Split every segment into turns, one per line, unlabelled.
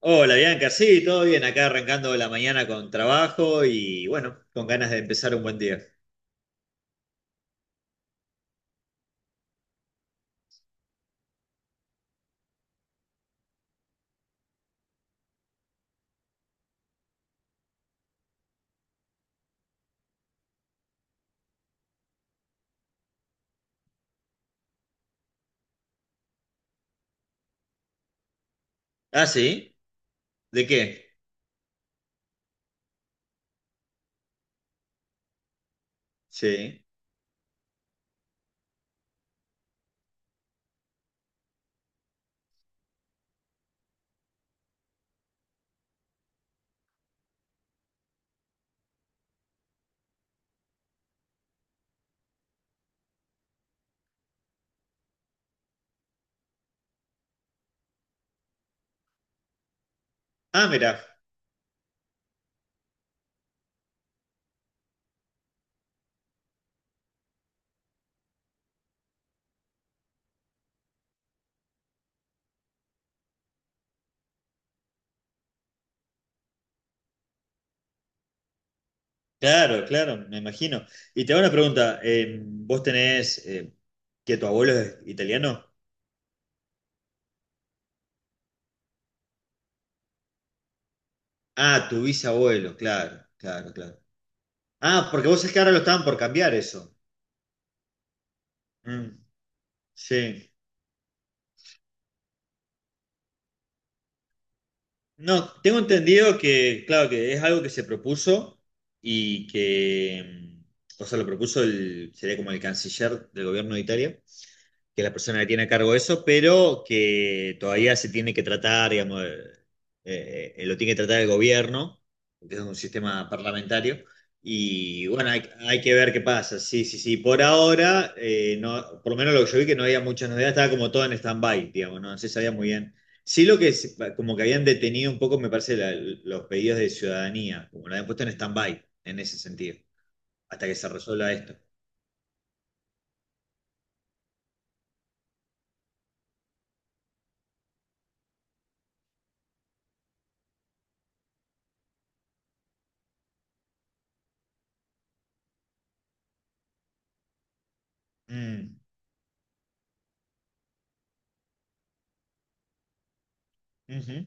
Hola Bianca, sí, todo bien, acá arrancando la mañana con trabajo y bueno, con ganas de empezar un buen día. Ah, sí, ¿de qué? Sí. Ah, mira, claro, claro, me imagino. Y te hago una pregunta, ¿vos tenés que tu abuelo es italiano? Ah, tu bisabuelo, claro, claro, claro. Ah, porque vos es que ahora lo estaban por cambiar eso. Mm, sí. No, tengo entendido que, claro, que es algo que se propuso y que, mm, o sea, lo propuso el, sería como el canciller del gobierno de Italia que la persona que tiene a cargo eso, pero que todavía se tiene que tratar, digamos, lo tiene que tratar el gobierno, porque es un sistema parlamentario. Y bueno, hay que ver qué pasa. Sí, sí, sí. Por ahora, no, por lo menos lo que yo vi que no había muchas novedades, estaba como todo en stand-by, digamos, no. No se sabía muy bien. Sí, lo que es, como que habían detenido un poco, me parece, los pedidos de ciudadanía, como lo habían puesto en stand-by, en ese sentido, hasta que se resuelva esto. Mm, ujú.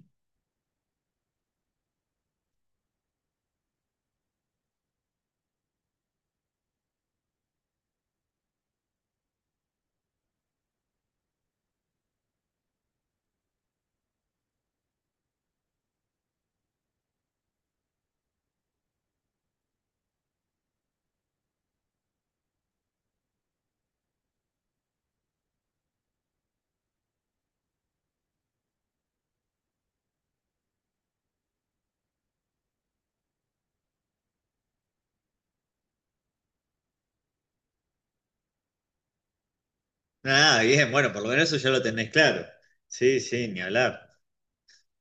Ah, bien, bueno, por lo menos eso ya lo tenés claro. Sí, sí, ni hablar.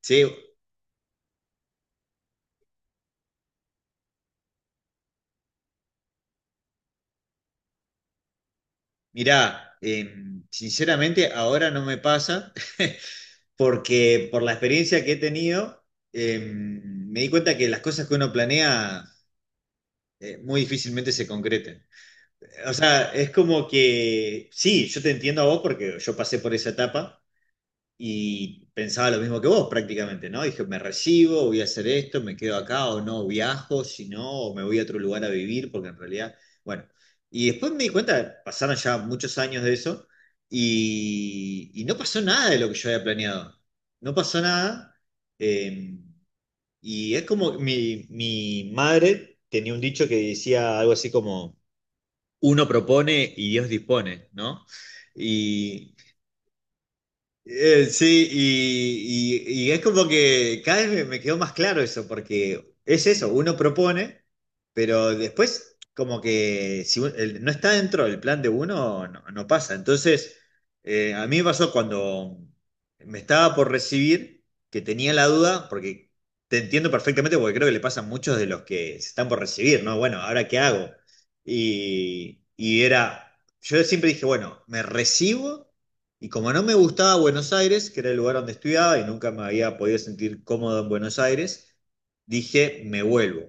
Sí, mirá, sinceramente ahora no me pasa, porque por la experiencia que he tenido, me di cuenta que las cosas que uno planea muy difícilmente se concreten. O sea, es como que, sí, yo te entiendo a vos porque yo pasé por esa etapa, y pensaba lo mismo que vos prácticamente, ¿no? Dije, me recibo, voy a hacer esto, me quedo acá o no, viajo, si no, o me voy a otro lugar a vivir, porque en realidad, bueno. Y después me di cuenta, pasaron ya muchos años de eso y no pasó nada de lo que yo había planeado. No pasó nada. eh, y es como que mi madre tenía un dicho que decía algo así como, uno propone y Dios dispone, ¿no? Y, sí, y, y es como que cada vez me quedó más claro eso, porque es eso, uno propone, pero después como que si no está dentro del plan de uno, no, no pasa. Entonces, a mí me pasó cuando me estaba por recibir, que tenía la duda, porque te entiendo perfectamente, porque creo que le pasa a muchos de los que se están por recibir, ¿no? Bueno, ¿ahora qué hago? Y era, yo siempre dije, bueno, ¿me recibo? Y como no me gustaba Buenos Aires, que era el lugar donde estudiaba y nunca me había podido sentir cómodo en Buenos Aires, dije, me vuelvo.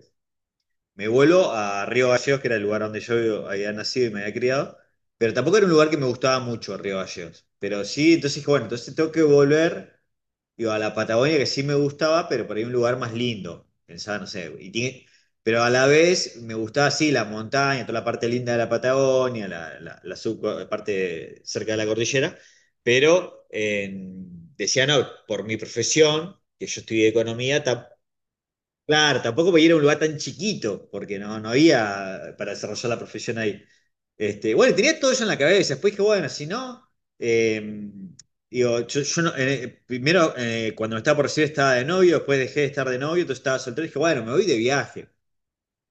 Me vuelo a Río Gallegos, que era el lugar donde yo había nacido y me había criado, pero tampoco era un lugar que me gustaba mucho, Río Gallegos. Pero sí, entonces dije, bueno, entonces tengo que volver, digo, a la Patagonia, que sí me gustaba, pero por ahí un lugar más lindo. Pensaba, no sé, pero a la vez me gustaba, sí, la montaña, toda la parte linda de la Patagonia, parte cerca de la cordillera, pero decía, no, por mi profesión, que yo estudié economía. Claro, tampoco podía ir a un lugar tan chiquito, porque no, no había para desarrollar la profesión ahí. Este, bueno, y tenía todo eso en la cabeza. Después dije, bueno, si no, eh, digo, yo no- primero cuando me estaba por recibir estaba de novio, después dejé de estar de novio, entonces estaba soltero. Y dije, bueno, me voy de viaje.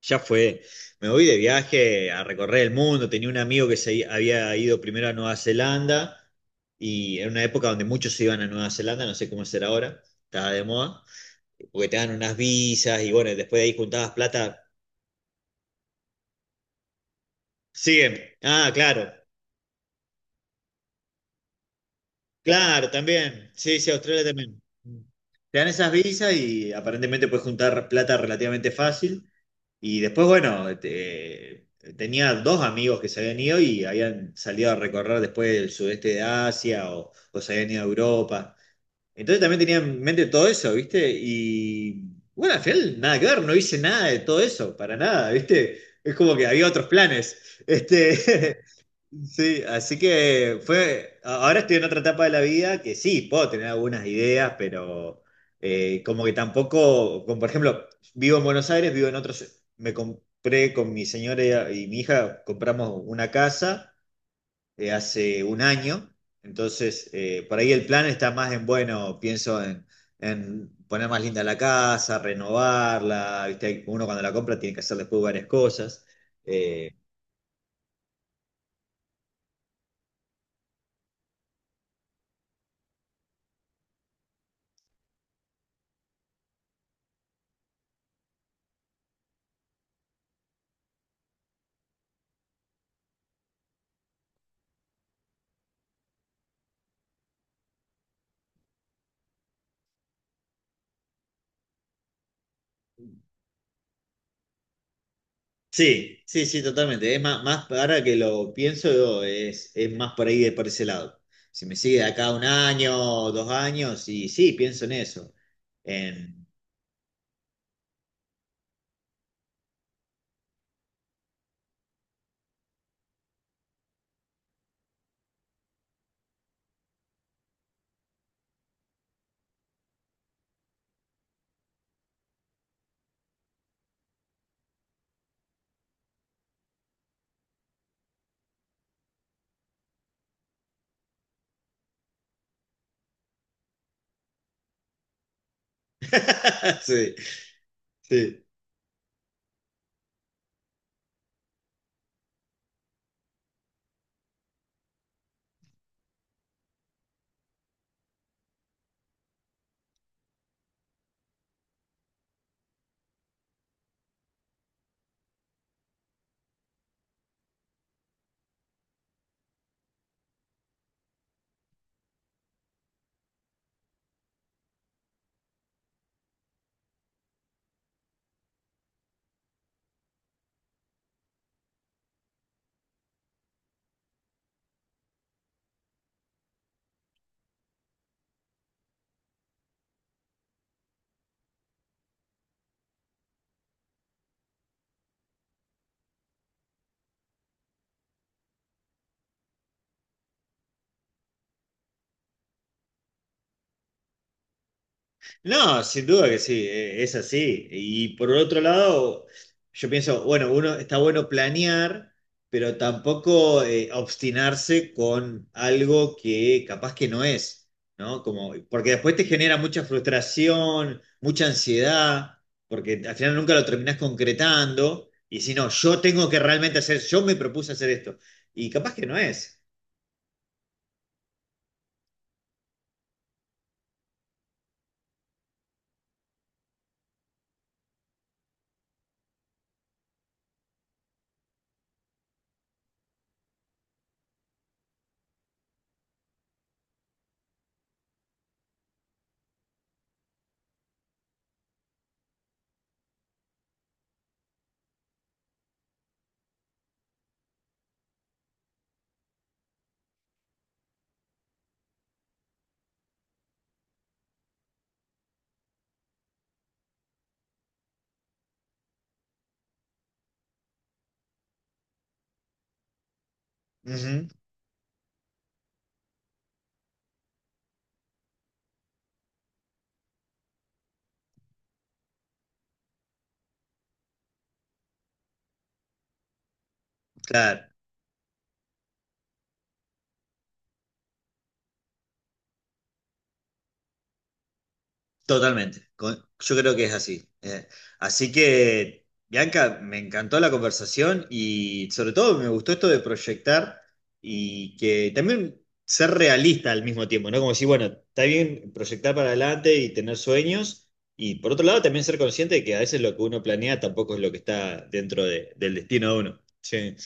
Ya fue, me voy de viaje a recorrer el mundo. Tenía un amigo que había ido primero a Nueva Zelanda y en una época donde muchos se iban a Nueva Zelanda, no sé cómo será ahora, estaba de moda porque te dan unas visas y bueno, después de ahí juntabas plata, siguen. Ah, claro, claro, también. Sí, sí, Australia también. Te dan esas visas y aparentemente puedes juntar plata relativamente fácil. Y después, bueno, tenía dos amigos que se habían ido y habían salido a recorrer después el sudeste de Asia o se habían ido a Europa. Entonces también tenía en mente todo eso, ¿viste? Y bueno, al final nada que ver, no hice nada de todo eso, para nada, ¿viste? Es como que había otros planes. Este, sí, así que fue, ahora estoy en otra etapa de la vida que sí, puedo tener algunas ideas, pero como que tampoco, como por ejemplo, vivo en Buenos Aires, vivo en otros, me compré con mi señora y mi hija, compramos una casa hace un año. Entonces, por ahí el plan está más en, bueno, en poner más linda la casa, renovarla, ¿viste? Uno cuando la compra tiene que hacer después varias cosas. Eh, sí, sí, sí, totalmente. Es más, más ahora que lo pienso, yo, es más por ahí, por ese lado. Si me sigue de acá un año, dos años, y sí, pienso en eso. En... Sí, sí. No, sin duda que sí, es así. Y por otro lado, yo pienso, bueno, uno está bueno planear, pero tampoco obstinarse con algo que capaz que no es, ¿no? Como, porque después te genera mucha frustración, mucha ansiedad, porque al final nunca lo terminás concretando. Y si no, yo tengo que realmente hacer, yo me propuse hacer esto. Y capaz que no es. Ujú, claro. Totalmente, yo creo que es así. Así que, Bianca, me encantó la conversación y sobre todo me gustó esto de proyectar y que también ser realista al mismo tiempo, ¿no? Como si bueno, está bien proyectar para adelante y tener sueños y por otro lado también ser consciente de que a veces lo que uno planea tampoco es lo que está dentro del destino de uno. Sí.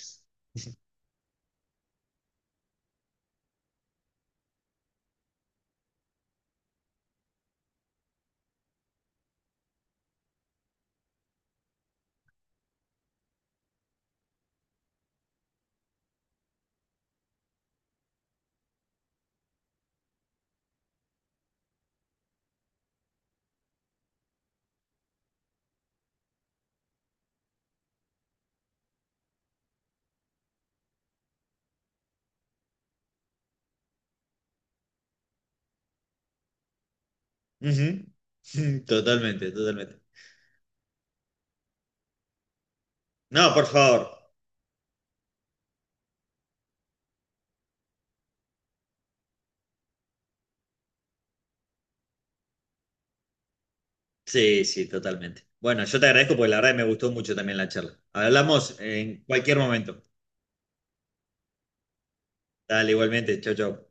Ujú. Totalmente, totalmente. No, por favor. Sí, sí, totalmente. Bueno, yo te agradezco porque la verdad que me gustó mucho también la charla. Hablamos en cualquier momento. Dale, igualmente. Chau, chau.